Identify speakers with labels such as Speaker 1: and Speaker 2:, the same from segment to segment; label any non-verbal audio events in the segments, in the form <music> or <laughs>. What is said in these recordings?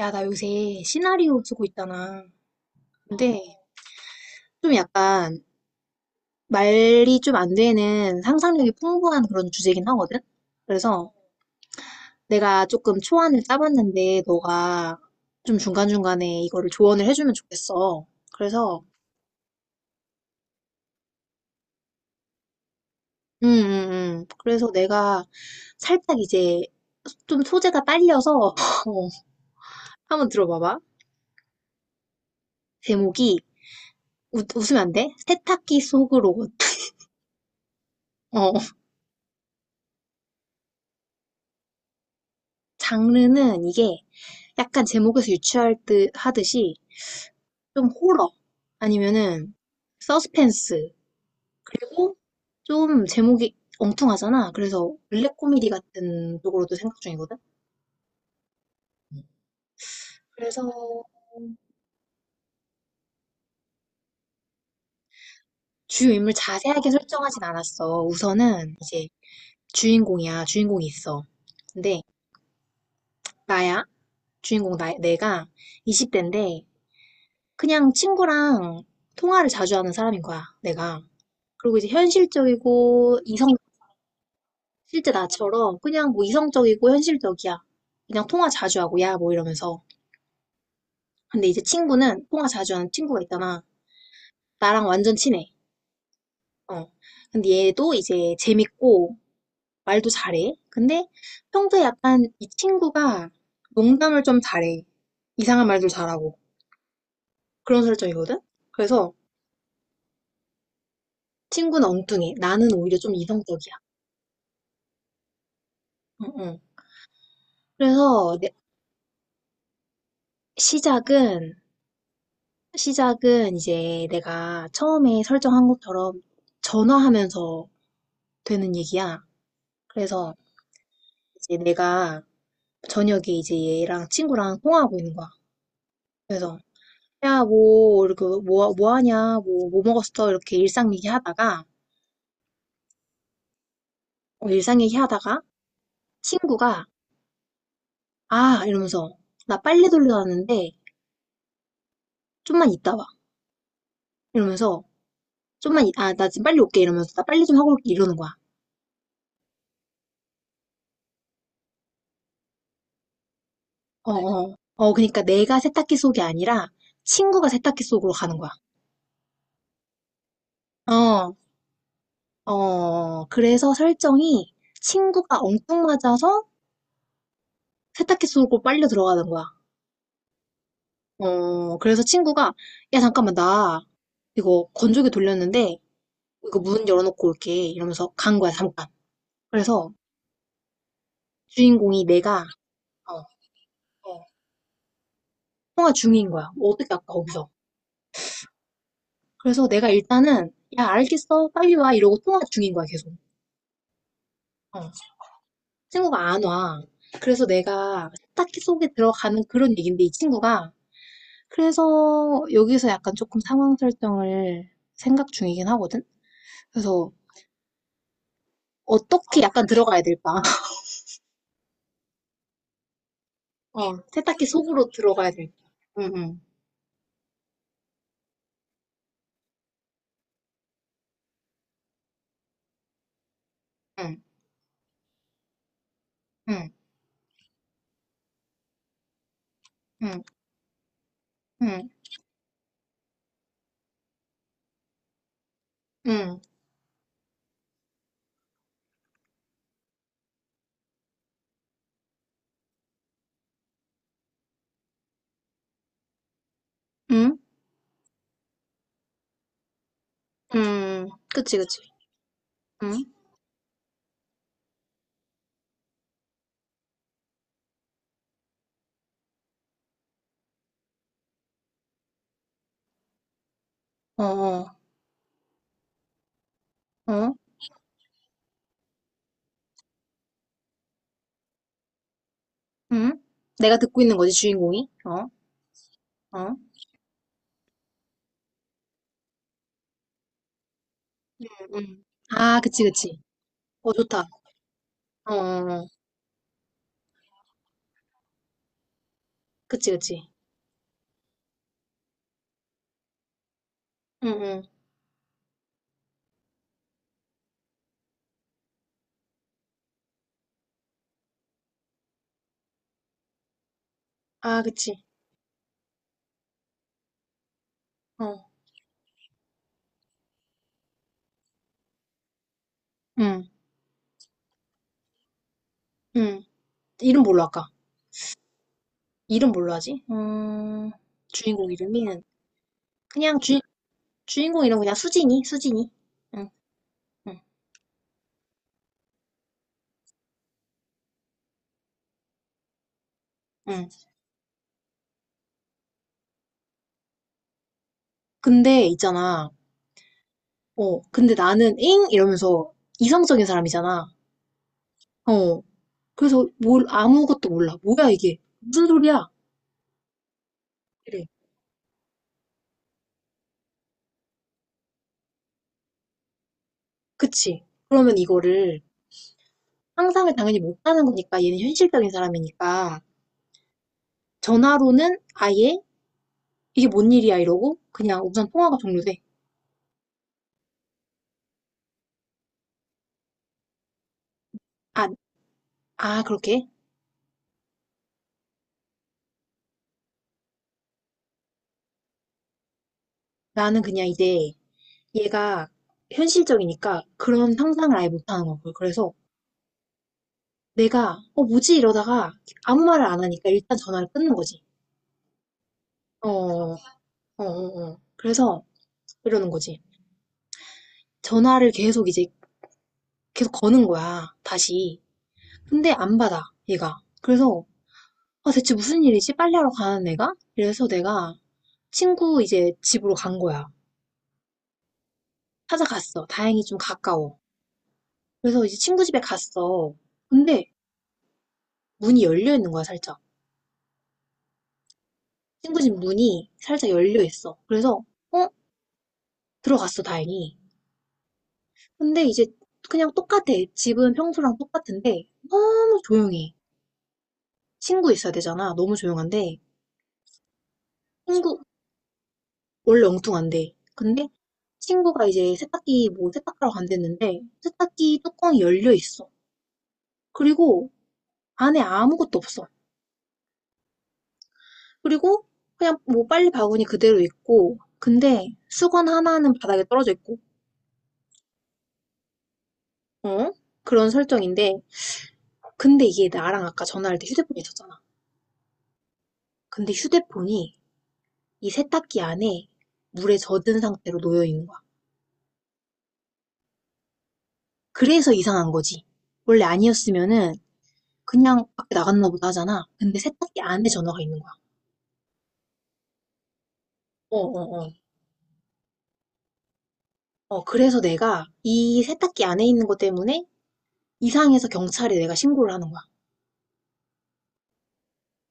Speaker 1: 야, 나 요새 시나리오 쓰고 있잖아. 근데 좀 약간 말이 좀 안 되는 상상력이 풍부한 그런 주제긴 하거든? 그래서 내가 조금 초안을 짜봤는데 너가 좀 중간중간에 이거를 조언을 해주면 좋겠어. 그래서, 그래서 내가 살짝 이제 좀 소재가 딸려서 <laughs> 어, 한번 들어봐봐. 제목이 웃으면 안 돼? 세탁기 속으로. <laughs> 어. 장르는 이게 약간 제목에서 유추할 듯 하듯이 좀 호러 아니면은 서스펜스 그리고 좀 제목이 엉뚱하잖아. 그래서 블랙 코미디 같은 쪽으로도 생각 중이거든. 그래서 주요 인물 자세하게 설정하진 않았어. 우선은 이제 주인공이야. 주인공이 있어. 근데 나야. 주인공 나, 내가 20대인데 그냥 친구랑 통화를 자주 하는 사람인 거야. 내가. 그리고 이제 현실적이고 이성 실제 나처럼 그냥 뭐 이성적이고 현실적이야. 그냥 통화 자주 하고 야 뭐 이러면서. 근데 이제 친구는 통화 자주 하는 친구가 있잖아. 나랑 완전 친해. 어. 근데 얘도 이제 재밌고 말도 잘해. 근데 평소에 약간 이 친구가 농담을 좀 잘해. 이상한 말도 잘하고. 그런 설정이거든? 그래서 친구는 엉뚱해. 나는 오히려 좀 이성적이야. 응, 응. 그래서 시작은 시작은 이제 내가 처음에 설정한 것처럼 전화하면서 되는 얘기야. 그래서 이제 내가 저녁에 이제 얘랑 친구랑 통화하고 있는 거야. 그래서 야, 뭐, 이렇게 뭐, 뭐 하냐, 뭐, 뭐 먹었어? 이렇게 일상 얘기하다가, 어, 일상 얘기하다가 친구가 아, 이러면서 나 빨래 돌려 놨는데 좀만 있다 와. 이러면서 아, 나 지금 빨리 올게. 이러면서 나 빨리 좀 하고 올게. 이러는 거야. 어, 어. 어, 그러니까 내가 세탁기 속이 아니라 친구가 세탁기 속으로 가는 거야. 어, 어. 그래서 설정이 친구가 엉뚱 맞아서 세탁기 속으로 빨려 들어가는 거야. 어, 그래서 친구가 야, 잠깐만, 나 이거 건조기 돌렸는데 이거 문 열어놓고 올게 이러면서 간 거야, 잠깐. 그래서 주인공이 내가 어, 어, 통화 중인 거야. 뭐 어떻게 아까 거기서. 그래서 내가 일단은 야, 알겠어. 빨리 와. 이러고 통화 중인 거야, 계속. 어. 친구가 안 와. 그래서 내가 딱히 속에 들어가는 그런 얘기인데 이 친구가 그래서 여기서 약간 조금 상황 설정을 생각 중이긴 하거든. 그래서 어떻게 약간 들어가야 될까? <laughs> 어, 세탁기 속으로 들어가야 될까? 응, 응, 응, 응, 응, 응, 응, 응, 응. 그치, 그치. 응, 어, 어, 어, 응. 내가 듣고 있는 거지, 주인공이. 어, 어, 응. 아, 그치, 그치. 어, 좋다. 어, 어, 어. 그치, 그치. 응, 응. 아, 그치. 어, 응, 응. 이름 뭘로 할까? 이름 뭘로 하지? 주인공 이름은 그냥 주, 주인공 이름 그냥 수진이, 수진이. 응, 응, 응. 근데 있잖아. 어, 근데 나는 잉 이러면서 이성적인 사람이잖아. 어. 그래서 뭘 아무것도 몰라. 뭐야 이게? 무슨 소리야? 그래. 그치? 그러면 이거를 상상을 당연히 못하는 거니까 얘는 현실적인 사람이니까 전화로는 아예 이게 뭔 일이야 이러고 그냥 우선 통화가 종료돼. 아, 아, 그렇게? 나는 그냥 이제 얘가 현실적이니까 그런 상상을 아예 못하는 거고. 그래서 내가, 어, 뭐지? 이러다가 아무 말을 안 하니까 일단 전화를 끊는 거지. 어, 어, 어, 어. 그래서 이러는 거지. 전화를 계속 이제 계속 거는 거야. 다시. 근데 안 받아, 얘가. 그래서, 아, 대체 무슨 일이지? 빨래하러 가는 애가? 이래서 내가 친구 이제 집으로 간 거야. 찾아갔어. 다행히 좀 가까워. 그래서 이제 친구 집에 갔어. 근데 문이 열려 있는 거야, 살짝. 친구 집 문이 살짝 열려 있어. 그래서, 어? 들어갔어, 다행히. 근데 이제 그냥 똑같아. 집은 평소랑 똑같은데, 너무 조용해. 친구 있어야 되잖아. 너무 조용한데, 친구, 원래 엉뚱한데. 근데 친구가 이제 세탁기 뭐 세탁하러 간댔는데, 세탁기 뚜껑이 열려 있어. 그리고 안에 아무것도 없어. 그리고 그냥 뭐 빨래 바구니 그대로 있고, 근데 수건 하나는 바닥에 떨어져 있고, 어? 그런 설정인데, 근데 이게 나랑 아까 전화할 때 휴대폰이 있었잖아. 근데 휴대폰이 이 세탁기 안에 물에 젖은 상태로 놓여 있는 거야. 그래서 이상한 거지. 원래 아니었으면은 그냥 밖에 나갔나 보다 하잖아. 근데 세탁기 안에 전화가 있는 거야. 어, 어, 어. 어, 그래서 내가 이 세탁기 안에 있는 것 때문에 이상해서 경찰에 내가 신고를 하는 거야.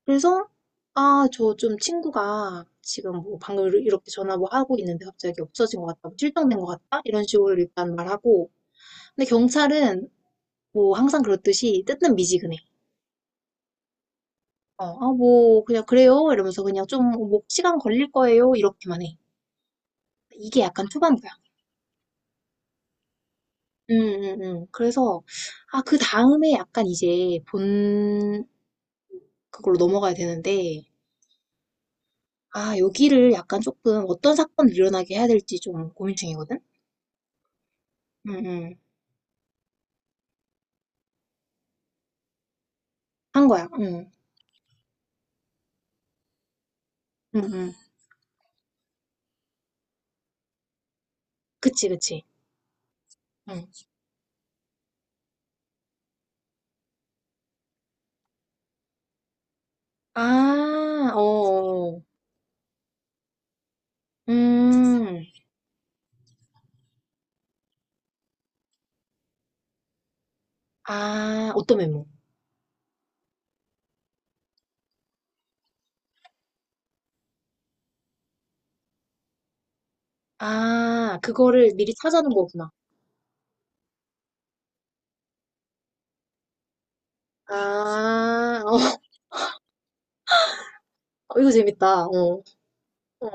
Speaker 1: 그래서 아, 저 좀 친구가 지금 뭐 방금 이렇게 전화 뭐 하고 있는데 갑자기 없어진 것 같다, 뭐 실종된 것 같다? 이런 식으로 일단 말하고. 근데 경찰은 뭐 항상 그렇듯이 뜯는 미지근해. 어, 아, 뭐 그냥 그래요 이러면서 그냥 좀 뭐 시간 걸릴 거예요 이렇게만 해. 이게 약간 초반부야. 음, 그래서 아, 그 다음에 약간 이제 본 그걸로 넘어가야 되는데 아, 여기를 약간 조금 어떤 사건을 일어나게 해야 될지 좀 고민 중이거든. 음, 음. 한 거야. 음, 음. 그치, 그치. 음. 아, 어, 어. 음. 아, 어떤 메모? 아, 그거를 미리 찾아놓은 거구나. 아, 어, <laughs> 이거 재밌다. 어, 어,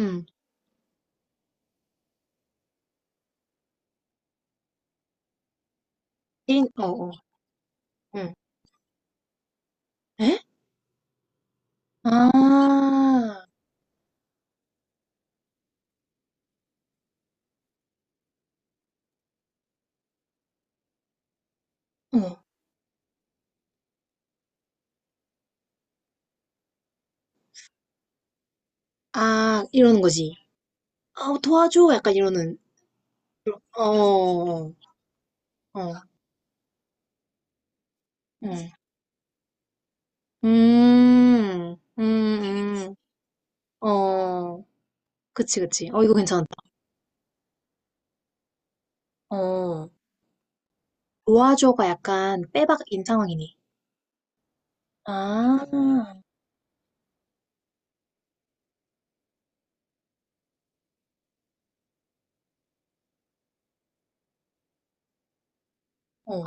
Speaker 1: 음, 일, 어, 어, 음, 에? 아, 어, 아, 이러는 거지. 아, 도와줘. 약간 이러는. 어, 어, 어, 음, 음, 음, 음. 어, 그치, 그치. 어, 이거 괜찮다. 어, 도와줘가 약간 빼박인 상황이네. 아, 어,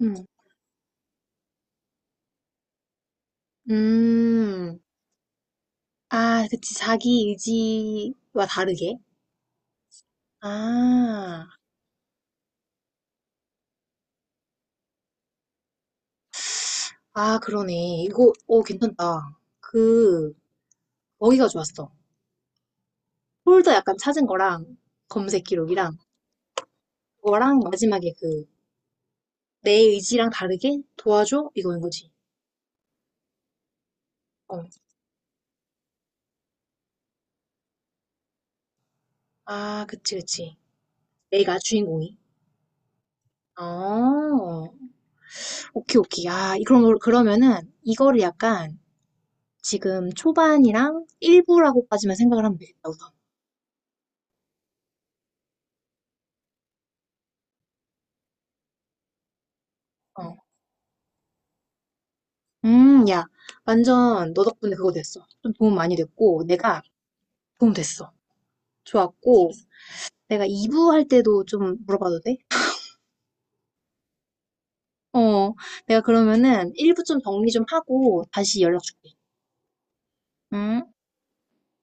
Speaker 1: 음, 음. 아, 그치. 자기 의지와 다르게. 아. 아, 그러네. 이거, 오, 괜찮다. 그, 거기가 좋았어. 폴더 약간 찾은 거랑, 검색 기록이랑, 그거랑 마지막에 그, 내 의지랑 다르게 도와줘? 이거인 거지. 어. 아, 그치, 그치. 내가 주인공이. 어, 오케이, 오케이. 아, 그럼, 그러면은, 이거를 약간, 지금 초반이랑 일부라고까지만 생각을 하면 되겠다, 우선. 어. 야, 완전 너 덕분에 그거 됐어. 좀 도움 많이 됐고, 내가 도움 됐어. 좋았고, 내가 2부 할 때도 좀 물어봐도 돼? 어, 내가 그러면은 1부 좀 정리 좀 하고 다시 연락 줄게. 응?